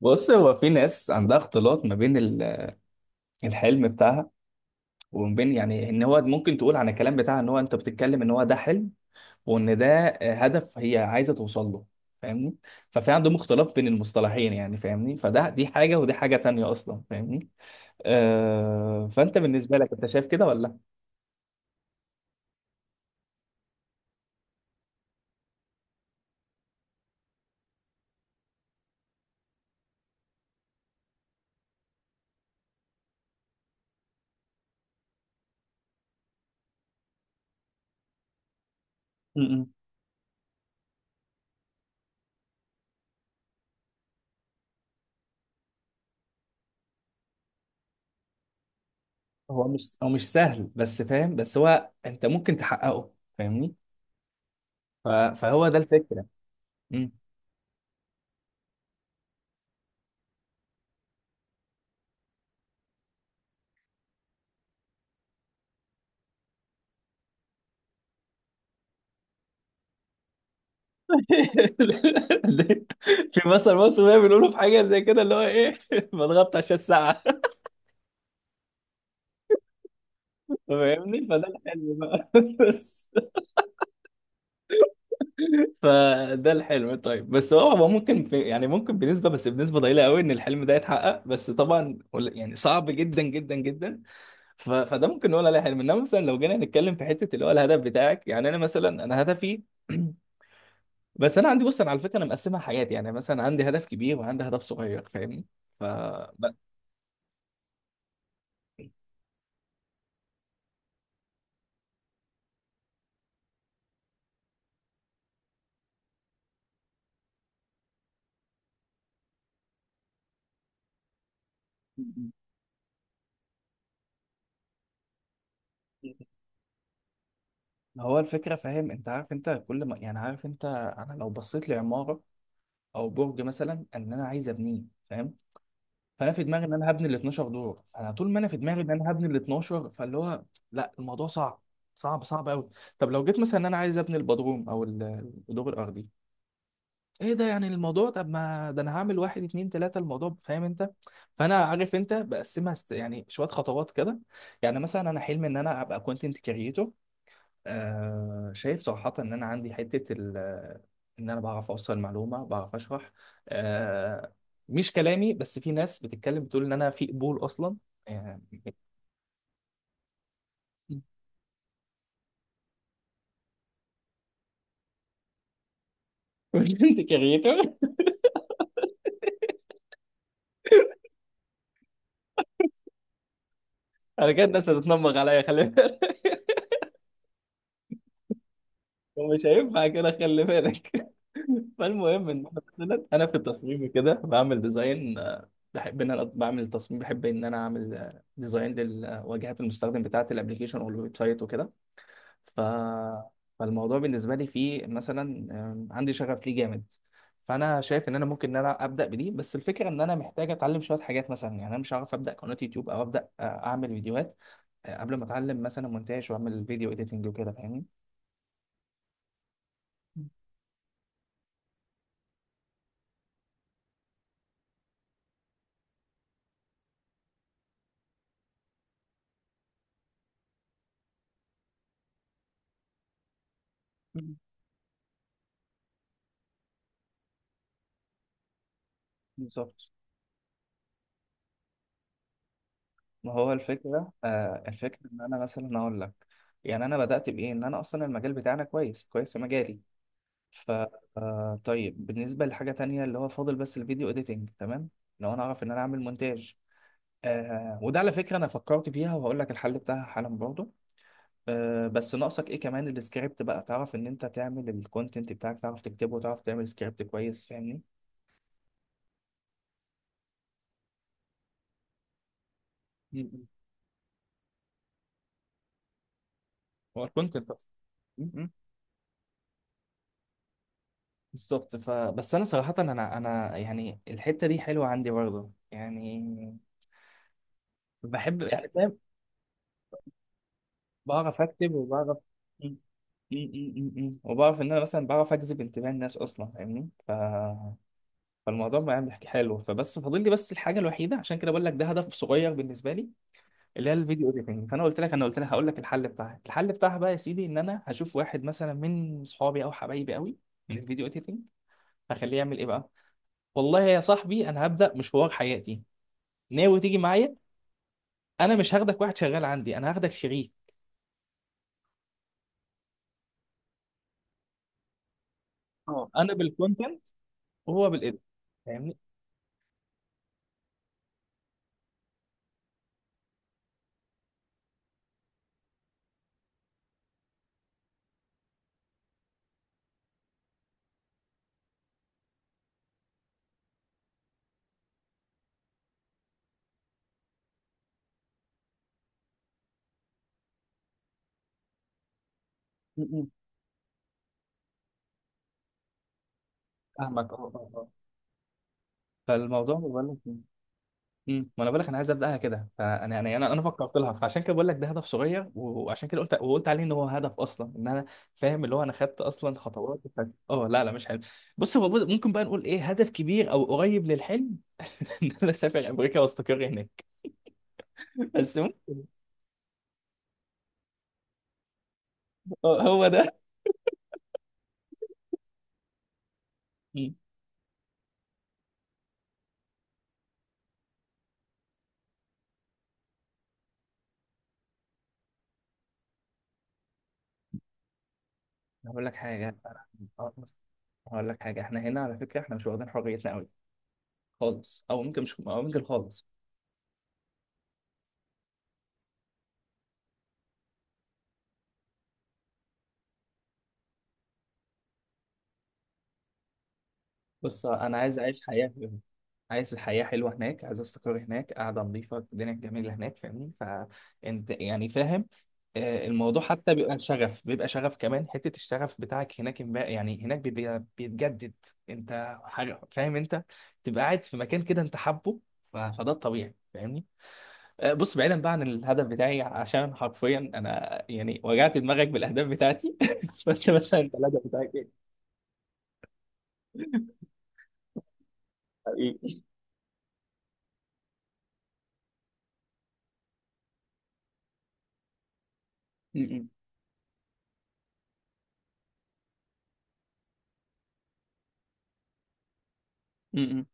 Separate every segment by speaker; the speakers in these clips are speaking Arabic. Speaker 1: بص هو في ناس عندها اختلاط ما بين الحلم بتاعها، وما بين يعني ان هو ممكن تقول عن الكلام بتاعها ان هو انت بتتكلم ان هو ده حلم، وان ده هدف هي عايزه توصل له. فاهمني؟ ففي عندهم اختلاط بين المصطلحين، يعني فاهمني، فده دي حاجه ودي حاجه تانية اصلا. فاهمني؟ آه، فانت بالنسبه لك انت شايف كده ولا؟ م- م. هو مش سهل بس، فاهم؟ بس هو انت ممكن تحققه. فاهمني؟ فهو ده الفكره. في مثل مصر بقى بيقولوا في حاجه زي كده، اللي هو ايه، بضغط عشان الساعه فاهمني؟ فده الحلم بقى بس. فده الحلم. طيب، بس هو هو ممكن في يعني ممكن بنسبه، بس بنسبه ضئيله قوي، ان الحلم ده يتحقق، بس طبعا يعني صعب جدا جدا جدا. فده ممكن نقول عليه حلم، انما مثلا لو جينا نتكلم في حته اللي هو الهدف بتاعك. يعني انا مثلا، انا هدفي بس انا عندي، بص انا على فكره انا مقسمها حاجات، يعني مثلا عندي هدف كبير وعندي هدف صغير. فاهمني؟ ف هو الفكرة، فاهم انت؟ عارف انت كل ما يعني، عارف انت، انا لو بصيت لعمارة او برج مثلا ان انا عايز ابنيه، فاهم؟ فانا في دماغي ان انا هبني ال 12 دور، فانا طول ما انا في دماغي ان انا هبني ال 12 فاللي هو، لا الموضوع صعب، صعب قوي. طب لو جيت مثلا ان انا عايز ابني البدروم او الدور الارضي، ايه ده يعني الموضوع؟ طب ما ده انا هعمل واحد اتنين تلاتة الموضوع، فاهم انت؟ فانا عارف انت بقسمها يعني شوية خطوات كده. يعني مثلا انا حلمي ان انا ابقى كونتنت كريتور. آه، شايف صراحة إن أنا عندي حتة إن أنا بعرف أوصل معلومة، بعرف أشرح. آه، مش كلامي بس، في ناس بتتكلم بتقول إن أنا في قبول أصلا. آه، انت كريتور. انا كده الناس هتتنمر عليا، خلي بالك. ومش هينفع كده، خلي بالك. فالمهم ان انا مثلا، انا في التصميم كده بعمل ديزاين، بحب ان انا بعمل تصميم، بحب ان انا اعمل ديزاين للواجهات المستخدم بتاعه الابلكيشن او الويب سايت وكده. ف... فالموضوع بالنسبه لي فيه مثلا، عندي شغف ليه جامد. فانا شايف ان انا ممكن ان انا ابدا بدي، بس الفكره ان انا محتاج اتعلم شويه حاجات مثلا. يعني انا مش هعرف ابدا قناه يوتيوب او ابدا اعمل فيديوهات قبل ما اتعلم مثلا مونتاج واعمل فيديو اديتنج وكده. فاهمني؟ مم. بالظبط. ما هو الفكرة، آه الفكرة إن أنا مثلا أقول لك يعني أنا بدأت بإيه؟ إن أنا أصلا المجال بتاعنا كويس، كويس في مجالي. ف آه، طيب بالنسبة لحاجة تانية اللي هو فاضل، بس الفيديو اديتنج، تمام؟ لو انا اعرف ان انا اعمل مونتاج، آه وده على فكرة انا فكرت فيها وهقول لك الحل بتاعها حالا برضه. آه، بس ناقصك ايه كمان؟ السكريبت بقى، تعرف ان انت تعمل الكونتنت بتاعك، تعرف تكتبه وتعرف تعمل سكريبت كويس. فاهمني؟ م- م. هو الكونتنت أصلاً. م- م. بالظبط. فبس انا صراحة انا يعني الحتة دي حلوة عندي برضه، يعني بحب، يعني فاهم؟ بعرف اكتب وبعرف م- م- م- م- م- وبعرف ان انا مثلا بعرف اجذب انتباه الناس اصلا. فاهمني؟ فالموضوع بقى حكي حلو، فبس فاضل لي بس الحاجه الوحيده، عشان كده بقول لك ده هدف صغير بالنسبه لي، اللي هي الفيديو اديتنج. فانا قلت لك، هقول لك الحل بتاعها. الحل بتاعها بقى يا سيدي ان انا هشوف واحد مثلا من اصحابي او حبايبي قوي من الفيديو اديتنج، هخليه يعمل ايه بقى، والله يا صاحبي انا هبدا مشوار حياتي، ناوي تيجي معايا؟ انا مش هاخدك واحد شغال عندي، انا هاخدك شريك. اه، انا بالكونتنت وهو بالايديت. فاهمني؟ فاهمك، اه اه اه. فالموضوع بقول لك، امم، ما انا بقول لك انا عايز ابداها كده. فانا انا انا انا فكرت لها، فعشان كده بقول لك ده هدف صغير، وعشان كده قلت، وقلت عليه ان هو هدف اصلا ان انا فاهم، اللي هو انا خدت اصلا خطوات اه لا لا مش حلو. بص هو ممكن بقى نقول ايه، هدف كبير او قريب للحلم، ان انا اسافر امريكا واستقر هناك. بس اه هو ده. مم. هقول لك حاجه هقول لك حاجه، احنا هنا على فكره احنا مش واخدين حريتنا قوي، خالص او ممكن مش، او ممكن خالص. بص، انا عايز اعيش حياه حلوه، عايز حياه حلوه هناك، عايز استقر هناك، قاعده نظيفه الدنيا الجميله هناك. فاهمني؟ فانت يعني فاهم؟ آه، الموضوع حتى بيبقى شغف، بيبقى شغف كمان، حته الشغف بتاعك هناك يعني هناك بيبقى بيتجدد. انت حاجه فاهم انت، تبقى قاعد في مكان كده انت حابه، فده الطبيعي. فاهمني؟ آه، بص بعيدا بقى عن الهدف بتاعي، عشان حرفيا انا يعني وجعت دماغك بالاهداف بتاعتي. فانت مثلا، انت الهدف بتاعك ايه؟ حقيقي. م- م-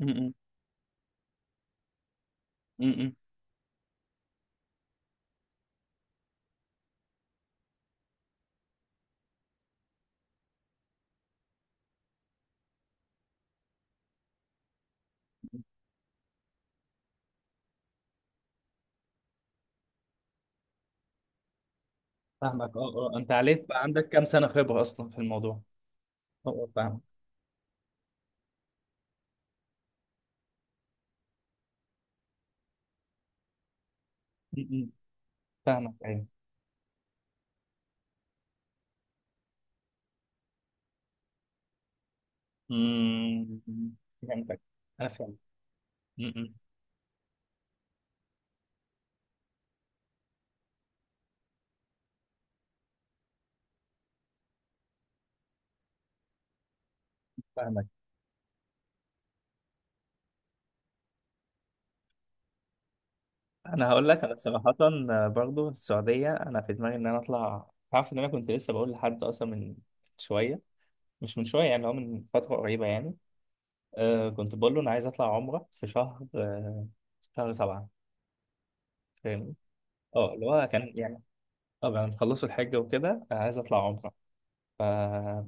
Speaker 1: م- م- م- م. فاهمك، اه اه. انت عليك بقى، عندك كام سنة خبرة اصلا في الموضوع؟ اه آه، فاهمك. م- م. فاهمك، ايوه. م- م. فهمتك، انا فهمت. م- م. فاهمك. انا هقول لك، انا صراحة آه، برضو السعودية انا في دماغي ان انا اطلع. تعرف ان انا كنت لسه بقول لحد اصلا من شوية، مش من شوية يعني، هو من فترة قريبة يعني. آه كنت بقول له انا عايز اطلع عمرة في شهر آه شهر سبعة. فاهمني؟ اه اللي هو كان يعني طبعا نخلصوا الحج وكده، آه، عايز اطلع عمرة. ف-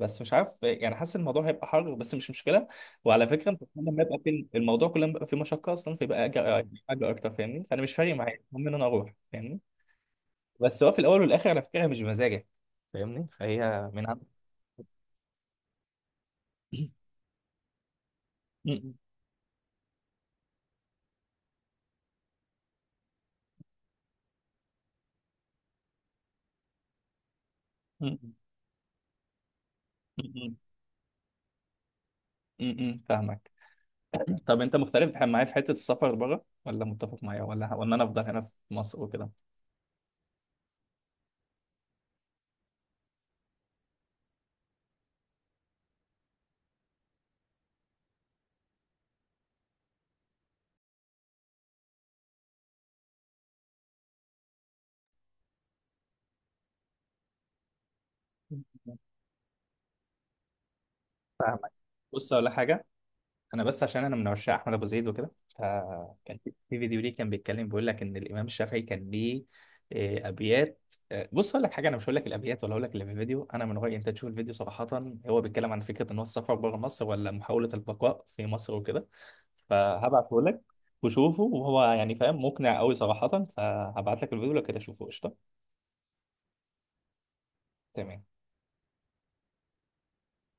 Speaker 1: بس مش عارف، يعني حاسس الموضوع هيبقى حر، بس مش مشكله. وعلى فكره انت كل لما يبقى في الموضوع، كل لما يبقى في مشقه اصلا فيبقى اجر، اجر اكتر. فاهمني؟ فانا مش فارق معايا، المهم ان انا اروح. فاهمني؟ بس هو في الاول والاخر على فكره هي مش بمزاجك. فاهمني؟ فهي من عند م- م- م- م- م- فاهمك. طب انت مختلف معايا في حته السفر بره ولا متفق معايا، ولا ولا انا افضل هنا في مصر وكده؟ فاهمك. بص، ولا حاجه، انا بس عشان انا من عشاق احمد ابو زيد وكده، فكان في فيديو ليه كان بيتكلم بيقول لك ان الامام الشافعي كان ليه ابيات. آه، بص اقول لك حاجه، انا مش هقول لك الابيات ولا هقول لك اللي في الفيديو، انا من رايي انت تشوف الفيديو صراحه. هو بيتكلم عن فكره ان هو السفر بره مصر ولا محاوله البقاء في مصر وكده. فهبعته لك وشوفه، وهو يعني فاهم، مقنع قوي صراحه. فهبعت لك الفيديو لو كده، شوفه قشطه. تمام.